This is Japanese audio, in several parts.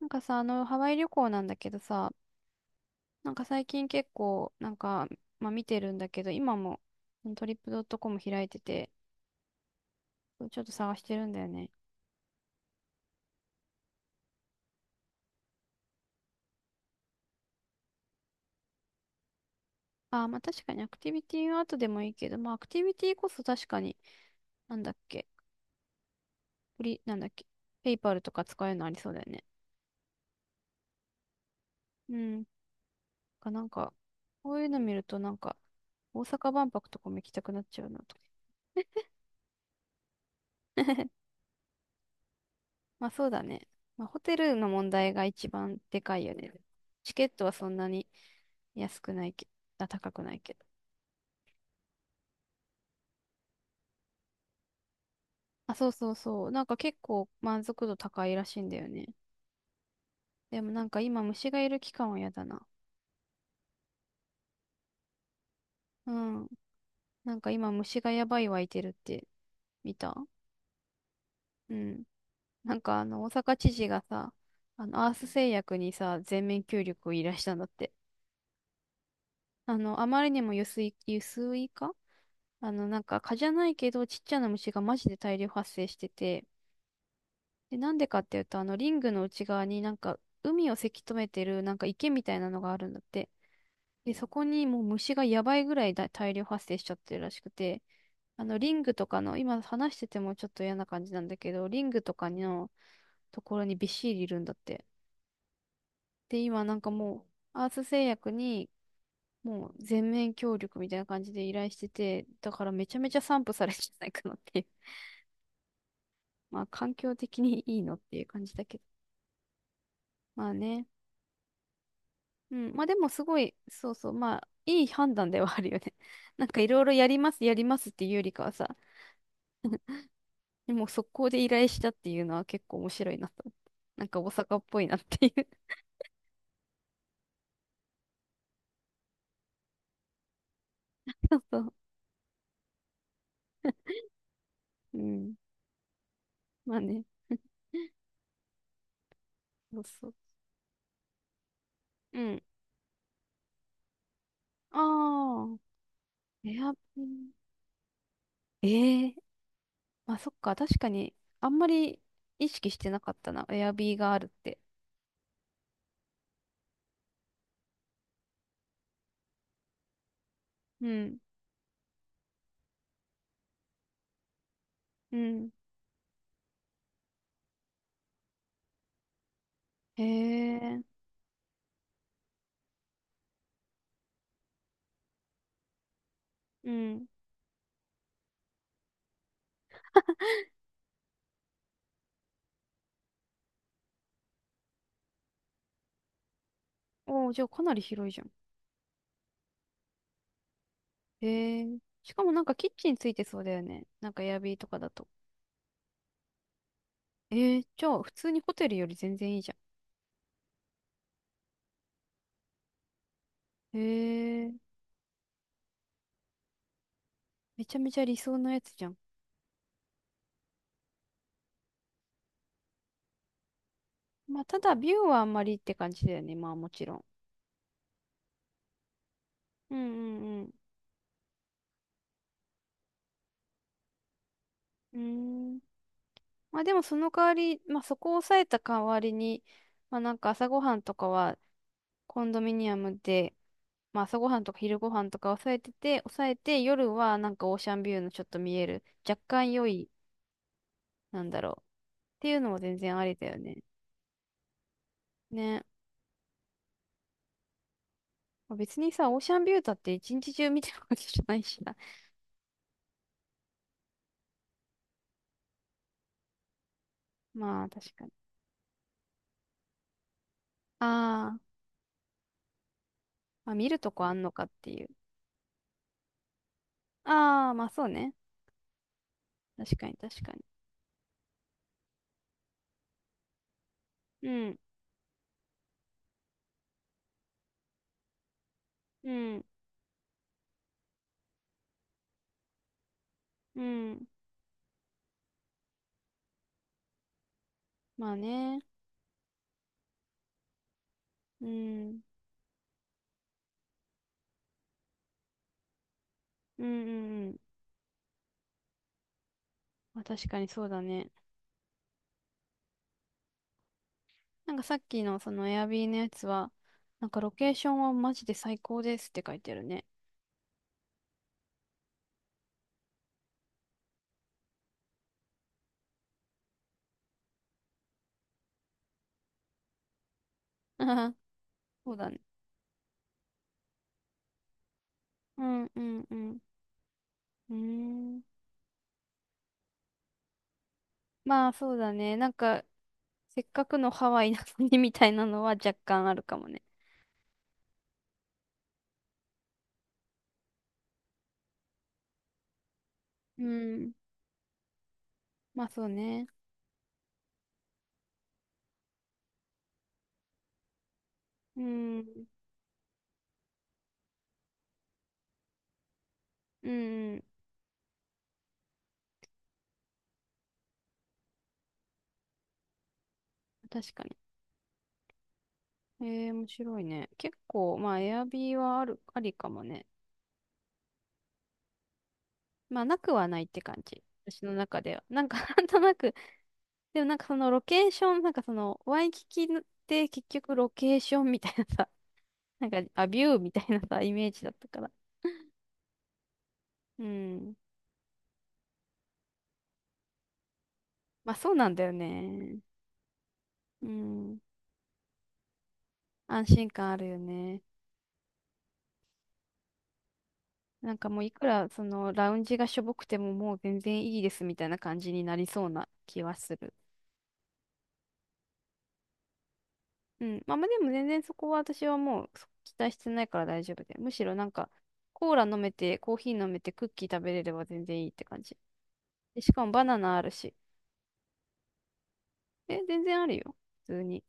なんかさ、ハワイ旅行なんだけどさ、なんか最近結構、なんか、まあ見てるんだけど、今もトリップドットコム開いてて、ちょっと探してるんだよね。あー、まあ確かにアクティビティは後でもいいけど、まあアクティビティこそ確かに、なんだっけ、フリ、なんだっけ、ペイパルとか使えるのありそうだよね。うん。かなんか、こういうの見るとなんか、大阪万博とかも行きたくなっちゃうなと。まあそうだね。まあホテルの問題が一番でかいよね。チケットはそんなに安くないけ、あ、高くないけど。あ、そうそうそう。なんか結構満足度高いらしいんだよね。でもなんか今虫がいる期間は嫌だな。うん。なんか今虫がやばい湧いてるって見た。うん。なんかあの大阪知事がさ、あのアース製薬にさ、全面協力を依頼したんだって。あまりにも輸水化、なんか蚊じゃないけど、ちっちゃな虫がマジで大量発生してて、で、なんでかっていうと、あの、リングの内側になんか、海をせき止めてる、なんか池みたいなのがあるんだって。で、そこにもう虫がやばいぐらいだ大量発生しちゃってるらしくて、あの、リングとかの、今話しててもちょっと嫌な感じなんだけど、リングとかのところにびっしりいるんだって。で、今なんかもう、アース製薬に、もう全面協力みたいな感じで依頼してて、だからめちゃめちゃ散布されるんじゃないかなっていう。まあ、環境的にいいのっていう感じだけど。まあね。うん。まあでもすごい、そうそう。まあ、いい判断ではあるよね。なんかいろいろやります、やりますっていうよりかはさ、でも速攻で依頼したっていうのは結構面白いなと思って。なんか大阪っぽいなっていう。そうそう。うん。まあね。そうそう。うん。ああ。エアビー。ええ、まあそっか。確かに、あんまり意識してなかったな。エアビーがあるって。うん。うん。へえ。うん。おお、じゃあかなり広いじゃん。へえ。しかもなんかキッチンついてそうだよね。なんかエアビーとかだと。ええ。じゃあ普通にホテルより全然いいじゃん。へえ。めちゃめちゃ理想のやつじゃん。まあただビューはあんまりって感じだよね。まあもちろん。うん、うん、うん。うーん。まあでもその代わり、まあそこを抑えた代わりに、まあなんか朝ごはんとかはコンドミニアムで、まあ朝ごはんとか昼ごはんとか抑えてて、抑えて夜はなんかオーシャンビューのちょっと見える、若干良い、なんだろう。ていうのも全然ありだよね。ね。まあ別にさ、オーシャンビューだって一日中見てるわけじゃないしな。まあ、確かに。ああ、まあ見るとこあんのかっていう。ああ、まあそうね。確かに、確かに。うん、うん、うん。まあね。うん、うん、うん。うん。まあ確かにそうだね。なんかさっきのそのエアビーのやつは、なんかロケーションはマジで最高ですって書いてるね。そうだね。うん、うん、うん。うーん。まあそうだね。なんか、せっかくのハワイなのにみたいなのは若干あるかもね。うん。まあそうね。うん。うん。確かに。えー、面白いね。結構、まあ、エアビーはある、ありかもね。まあ、なくはないって感じ。私の中では。なんか、なんとなく、でもなんかそのロケーション、なんかその、ワイキキって結局ロケーションみたいなさ、なんか、アビューみたいなさ、イメージだったから。うん。まあそうなんだよね。うん。安心感あるよね。なんかもういくらそのラウンジがしょぼくてももう全然いいですみたいな感じになりそうな気はする。うん。まあまあでも全然そこは私はもう期待してないから大丈夫で。むしろなんかコーラ飲めてコーヒー飲めてクッキー食べれれば全然いいって感じ。で、しかもバナナあるし。え、全然あるよ。普通に。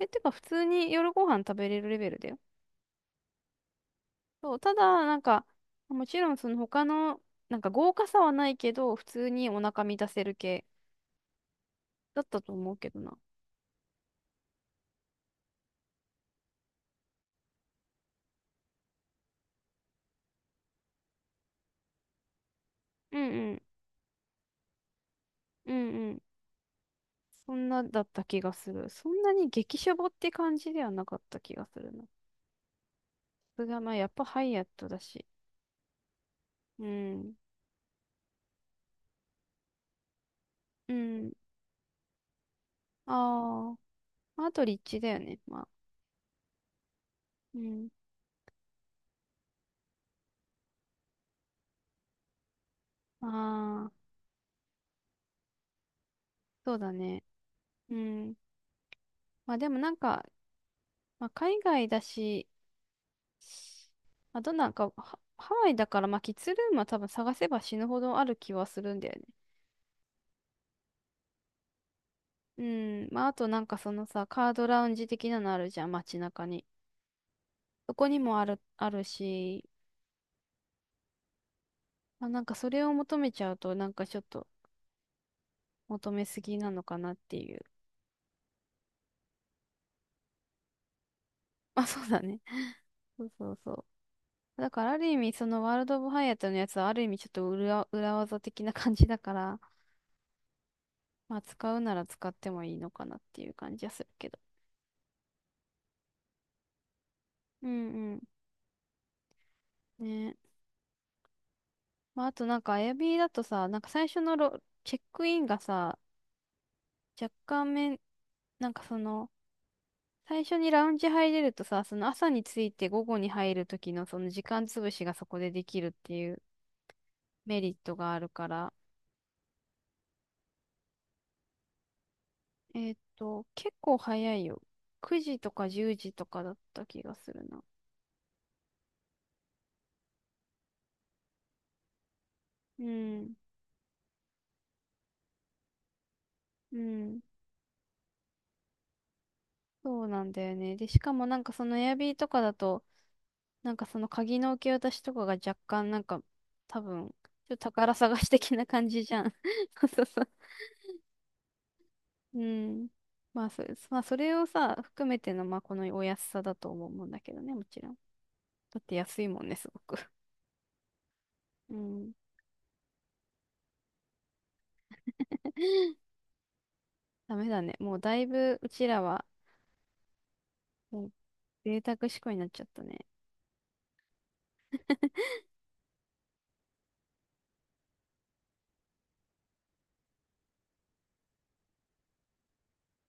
え、てか普通に夜ご飯食べれるレベルだよ。そう。ただなんかもちろんその他のなんか豪華さはないけど普通にお腹満たせる系だったと思うけどな。うんうん。うんうん。そんなだった気がする。そんなに激シャボって感じではなかった気がするな。それがまあやっぱハイアットだし。うん。うん。ああ。まああと立地だよね。まあ。うん。ああ。そうだね。うん。まあでもなんか、まあ海外だし、あとなんかハワイだからまあキッズルームは多分探せば死ぬほどある気はするんだよね。うん。まああとなんかそのさ、カードラウンジ的なのあるじゃん、街中に。そこにもある、あるし、まあ、なんかそれを求めちゃうと、なんかちょっと求めすぎなのかなっていう。まあ、そうだね。そうそうそう。だからある意味、そのワールド・オブ・ハイアットのやつはある意味ちょっと裏技的な感じだから、まあ使うなら使ってもいいのかなっていう感じはするけど。うんうん。ね。まああとなんか Airbnb だとさ、なんか最初のロチェックインがさ、若干め、なんかその、最初にラウンジ入れるとさ、その朝に着いて午後に入る時のその時間潰しがそこでできるっていう。メリットがあるから。えっと、結構早いよ。9時とか10時とかだった気がするな。うん。うん。そうなんだよね。で、しかもなんかそのエアビーとかだと、なんかその鍵の受け渡しとかが若干なんか、多分、ちょっと宝探し的な感じじゃん。そうそうそう。うん。まあそ、まあ、それをさ、含めての、まあ、このお安さだと思うんだけどね、もちろん。だって安いもんね、すごく。うん。ダメだね。もうだいぶ、うちらは、もう贅沢思考になっちゃったね。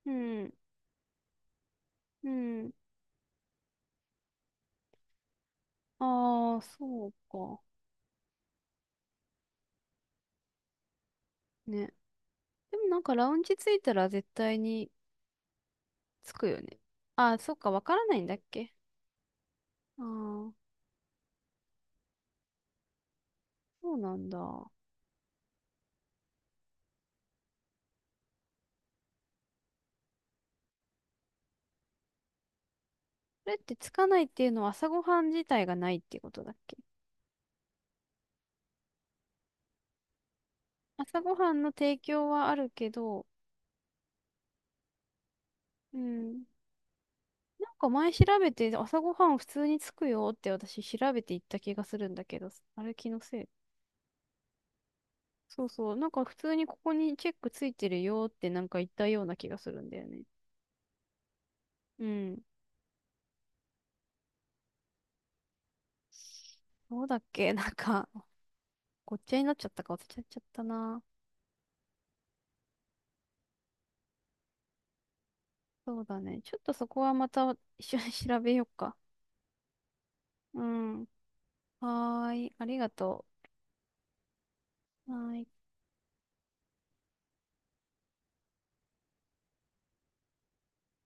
うん。うん。ああ、そうか。ね。でもなんかラウンジ着いたら絶対に着くよね。ああ、そっか、わからないんだっけ？ああー、そうなんだ。これって着かないっていうのは朝ごはん自体がないってことだっけ？朝ごはんの提供はあるけど、うん。なんか前調べて朝ごはん普通に着くよって私調べて行った気がするんだけど、あれ気のせい？そうそう。なんか普通にここにチェックついてるよってなんか言ったような気がするんだよね。うん。そうだっけ？ なんか、ごっちゃになっちゃったか忘れちゃっちゃったな。そうだね。ちょっとそこはまた一緒に調べようか。うん。はーい。ありがとう。はーい。